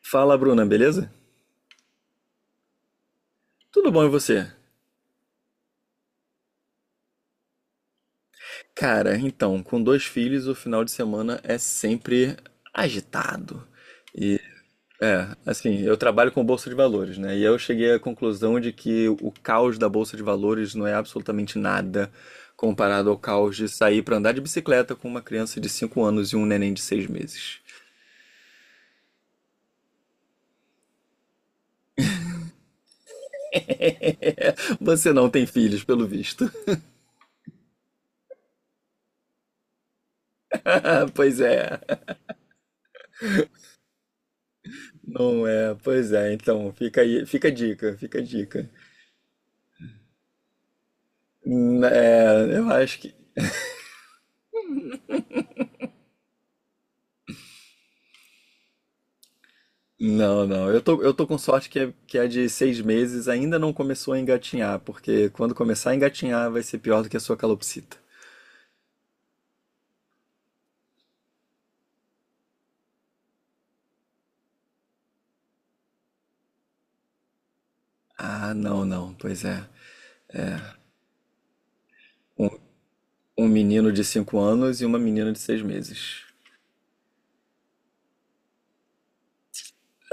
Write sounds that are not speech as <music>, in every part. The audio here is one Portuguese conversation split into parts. Fala, Bruna, beleza? Tudo bom e você? Cara, então, com dois filhos, o final de semana é sempre agitado. É, assim, eu trabalho com bolsa de valores, né? E eu cheguei à conclusão de que o caos da bolsa de valores não é absolutamente nada comparado ao caos de sair pra andar de bicicleta com uma criança de 5 anos e um neném de 6 meses. Você não tem filhos, pelo visto. <laughs> Pois é. Não é, pois é. Então, fica aí, fica a dica, fica a dica. Hum. É, eu acho que. Não, não. Eu tô com sorte que é de 6 meses, ainda não começou a engatinhar, porque quando começar a engatinhar vai ser pior do que a sua calopsita. Ah, não, não. Pois é. Um, um menino de 5 anos e uma menina de 6 meses.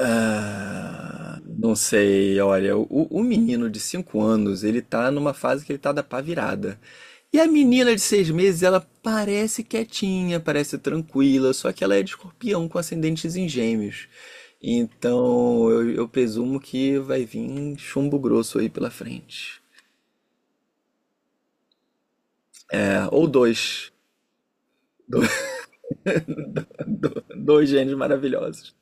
Ah, não sei, olha, o menino de 5 anos, ele tá numa fase que ele tá da pá virada. E a menina de 6 meses, ela parece quietinha, parece tranquila, só que ela é de escorpião com ascendentes em gêmeos. Então, eu presumo que vai vir chumbo grosso aí pela frente. É, ou dois. Do- <laughs> Dois gênios maravilhosos.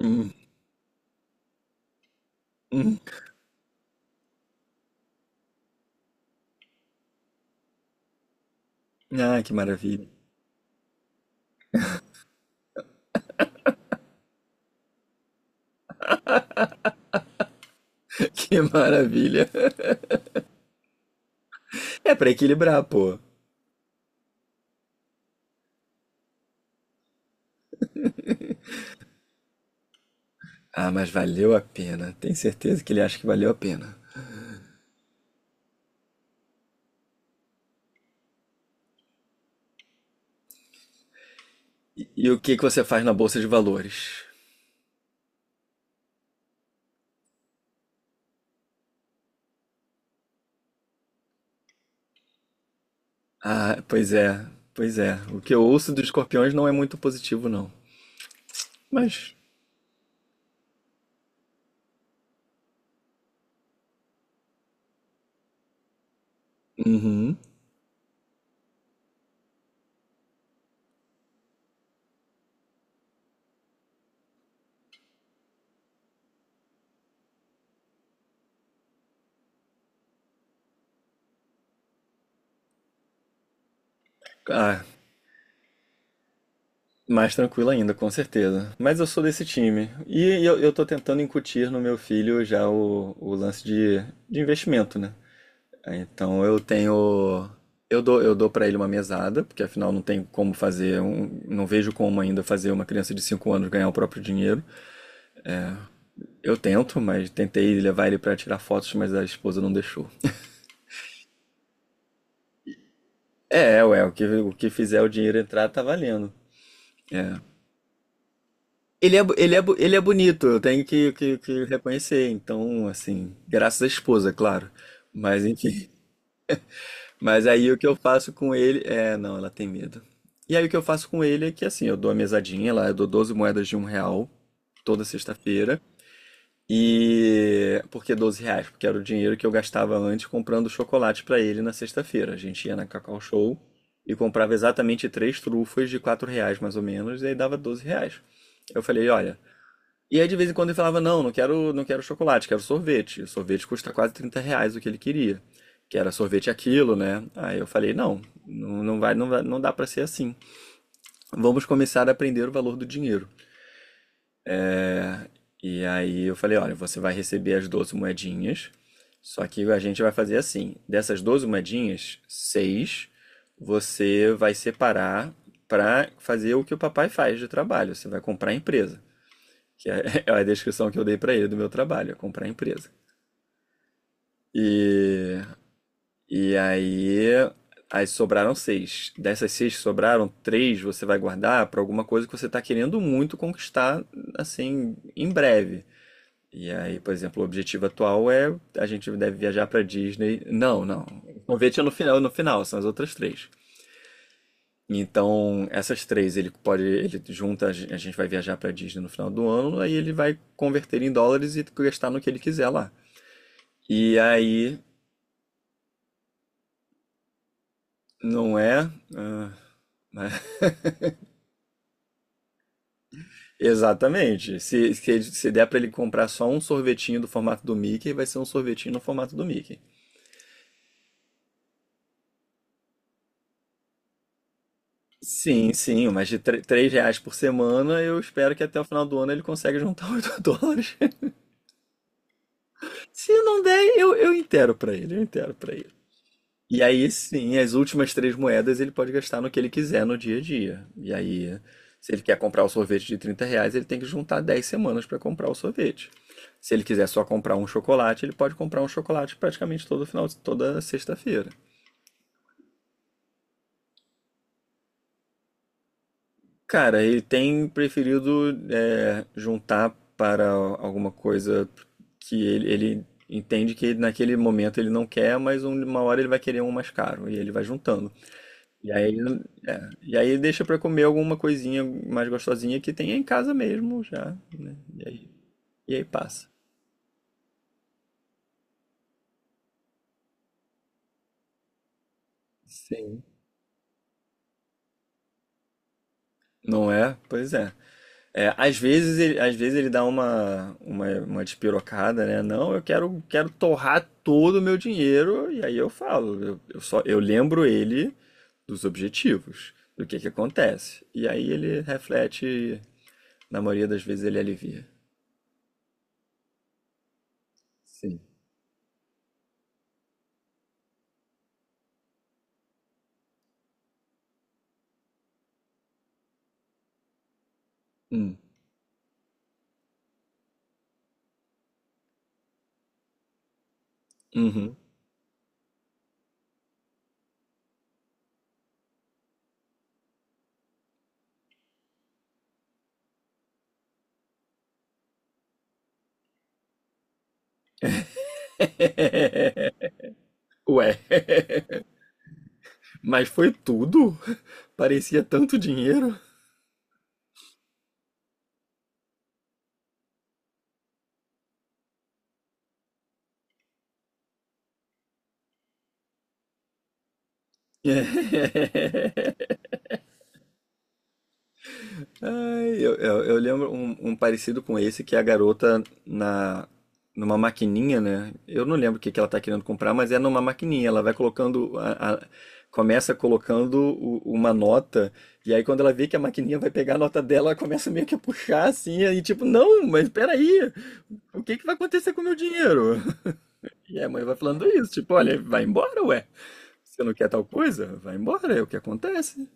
Hum, hum. Ah, que maravilha. <laughs> Que maravilha. É pra equilibrar, pô. Ah, mas valeu a pena. Tenho certeza que ele acha que valeu a pena. E o que que você faz na bolsa de valores? Ah, pois é, pois é. O que eu ouço dos escorpiões não é muito positivo, não. Mas, uhum. Ah, mais tranquilo ainda, com certeza. Mas eu sou desse time. E eu tô tentando incutir no meu filho já o lance de investimento, né? Então eu tenho. Eu dou para ele uma mesada, porque afinal não tem como fazer. Não vejo como ainda fazer uma criança de 5 anos ganhar o próprio dinheiro. Eu tento, mas tentei levar ele pra tirar fotos, mas a esposa não deixou. É, ué, o que fizer o dinheiro entrar tá valendo. É. Ele é bonito, eu tenho que reconhecer. Então, assim, graças à esposa, claro. Mas enfim. Mas aí o que eu faço com ele. É, não, ela tem medo. E aí o que eu faço com ele é que assim, eu dou a mesadinha lá, eu dou 12 moedas de R$ 1 toda sexta-feira. E por que R$ 12? Porque era o dinheiro que eu gastava antes comprando chocolate para ele na sexta-feira. A gente ia na Cacau Show e comprava exatamente três trufas de R$ 4 mais ou menos, e aí dava R$ 12. Eu falei, olha. E aí de vez em quando ele falava, não, não quero, não quero chocolate, quero sorvete. O sorvete custa quase R$ 30 o que ele queria. Que era sorvete aquilo, né? Aí eu falei, não, não, não vai, não vai, não dá para ser assim. Vamos começar a aprender o valor do dinheiro. E aí eu falei, olha, você vai receber as 12 moedinhas, só que a gente vai fazer assim, dessas 12 moedinhas, seis você vai separar para fazer o que o papai faz de trabalho, você vai comprar a empresa, que é, <laughs> é a descrição que eu dei para ele do meu trabalho, é comprar a empresa. E, e aí, sobraram seis. Dessas seis que sobraram, três você vai guardar para alguma coisa que você está querendo muito conquistar, assim, em breve. E aí, por exemplo, o objetivo atual é a gente deve viajar para Disney. Não, não. O convite é no final, no final, são as outras três. Então, essas três, ele pode, ele junta, a gente vai viajar para Disney no final do ano, aí ele vai converter em dólares e gastar no que ele quiser lá. E aí, não é, ah, mas- <laughs> exatamente. Se der para ele comprar só um sorvetinho do formato do Mickey, vai ser um sorvetinho no formato do Mickey. Sim, sim, mas de R$ 3 por semana, eu espero que até o final do ano ele consiga juntar US$ 8. <laughs> Se não der, eu intero pra ele, eu intero pra ele. E aí, sim, as últimas 3 moedas ele pode gastar no que ele quiser no dia a dia. E aí, se ele quer comprar o sorvete de R$ 30, ele tem que juntar 10 semanas para comprar o sorvete. Se ele quiser só comprar um chocolate, ele pode comprar um chocolate praticamente todo final, toda sexta-feira. Cara, ele tem preferido é, juntar para alguma coisa que ele entende que naquele momento ele não quer, mas uma hora ele vai querer um mais caro e ele vai juntando. E aí, é, e aí deixa para comer alguma coisinha mais gostosinha que tem em casa mesmo já, né? E aí passa. Sim. Não é? Pois é. É, às vezes ele dá uma despirocada, né? Não, eu quero torrar todo o meu dinheiro, e aí eu falo, eu lembro ele dos objetivos, do que acontece. E aí ele reflete, e, na maioria das vezes ele alivia. Sim. Hum. Uhum. Ué, <laughs> mas foi tudo? <laughs> Parecia tanto dinheiro. <laughs> Ai, eu lembro um parecido com esse que é a garota na numa maquininha, né? Eu não lembro o que que ela tá querendo comprar, mas é numa maquininha. Ela vai colocando começa colocando uma nota e aí quando ela vê que a maquininha vai pegar a nota dela, ela começa meio que a puxar assim, aí tipo, não, mas peraí, o que que vai acontecer com o meu dinheiro? <laughs> E a mãe vai falando isso, tipo, olha, vai embora, ué. Você não quer tal coisa? Vai embora, é o que acontece.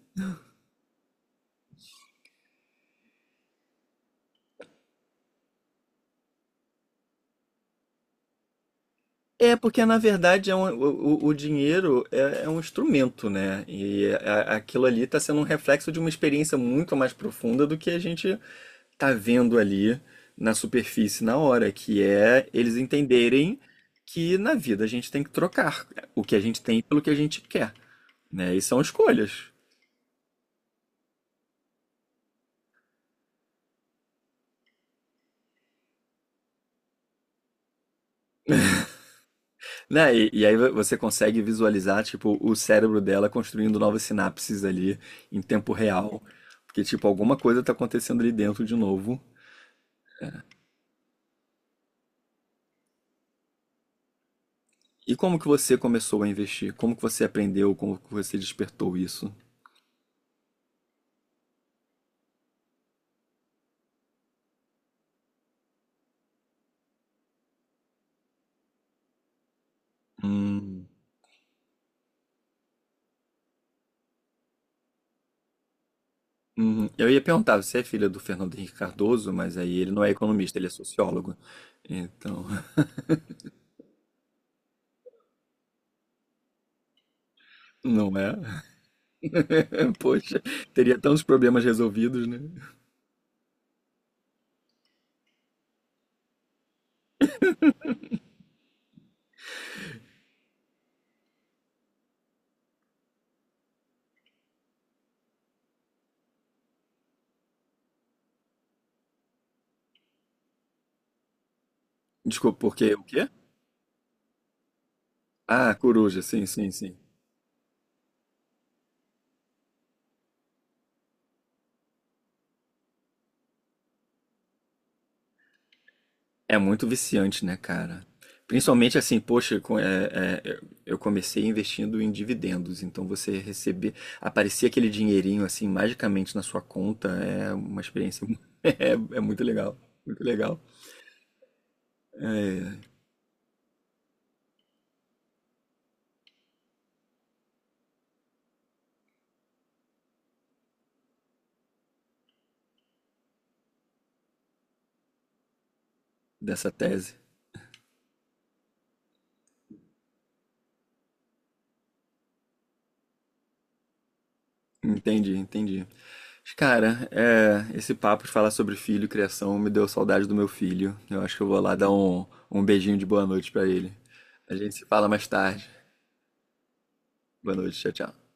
É, porque na verdade é o dinheiro é um instrumento, né? E aquilo ali está sendo um reflexo de uma experiência muito mais profunda do que a gente tá vendo ali na superfície na hora, que é eles entenderem que na vida a gente tem que trocar o que a gente tem pelo que a gente quer, né? E são escolhas, né? E aí você consegue visualizar, tipo, o cérebro dela construindo novas sinapses ali em tempo real, porque, tipo, alguma coisa tá acontecendo ali dentro de novo. E como que você começou a investir? Como que você aprendeu? Como que você despertou isso? Hum, uhum. Eu ia perguntar, você é filha do Fernando Henrique Cardoso, mas aí ele não é economista, ele é sociólogo. Então, <laughs> não é? <laughs> Poxa, teria tantos problemas resolvidos, né? Desculpa, porque o quê? Ah, coruja, sim, sim, sim. É muito viciante, né, cara? Principalmente assim, poxa, eu comecei investindo em dividendos, então você receber, aparecer aquele dinheirinho assim magicamente na sua conta é uma experiência, <laughs> é muito legal dessa tese. Entendi, entendi. Mas, Cara, é, esse papo de falar sobre filho e criação me deu saudade do meu filho. Eu acho que eu vou lá dar um beijinho de boa noite pra ele. A gente se fala mais tarde. Boa noite, tchau, tchau.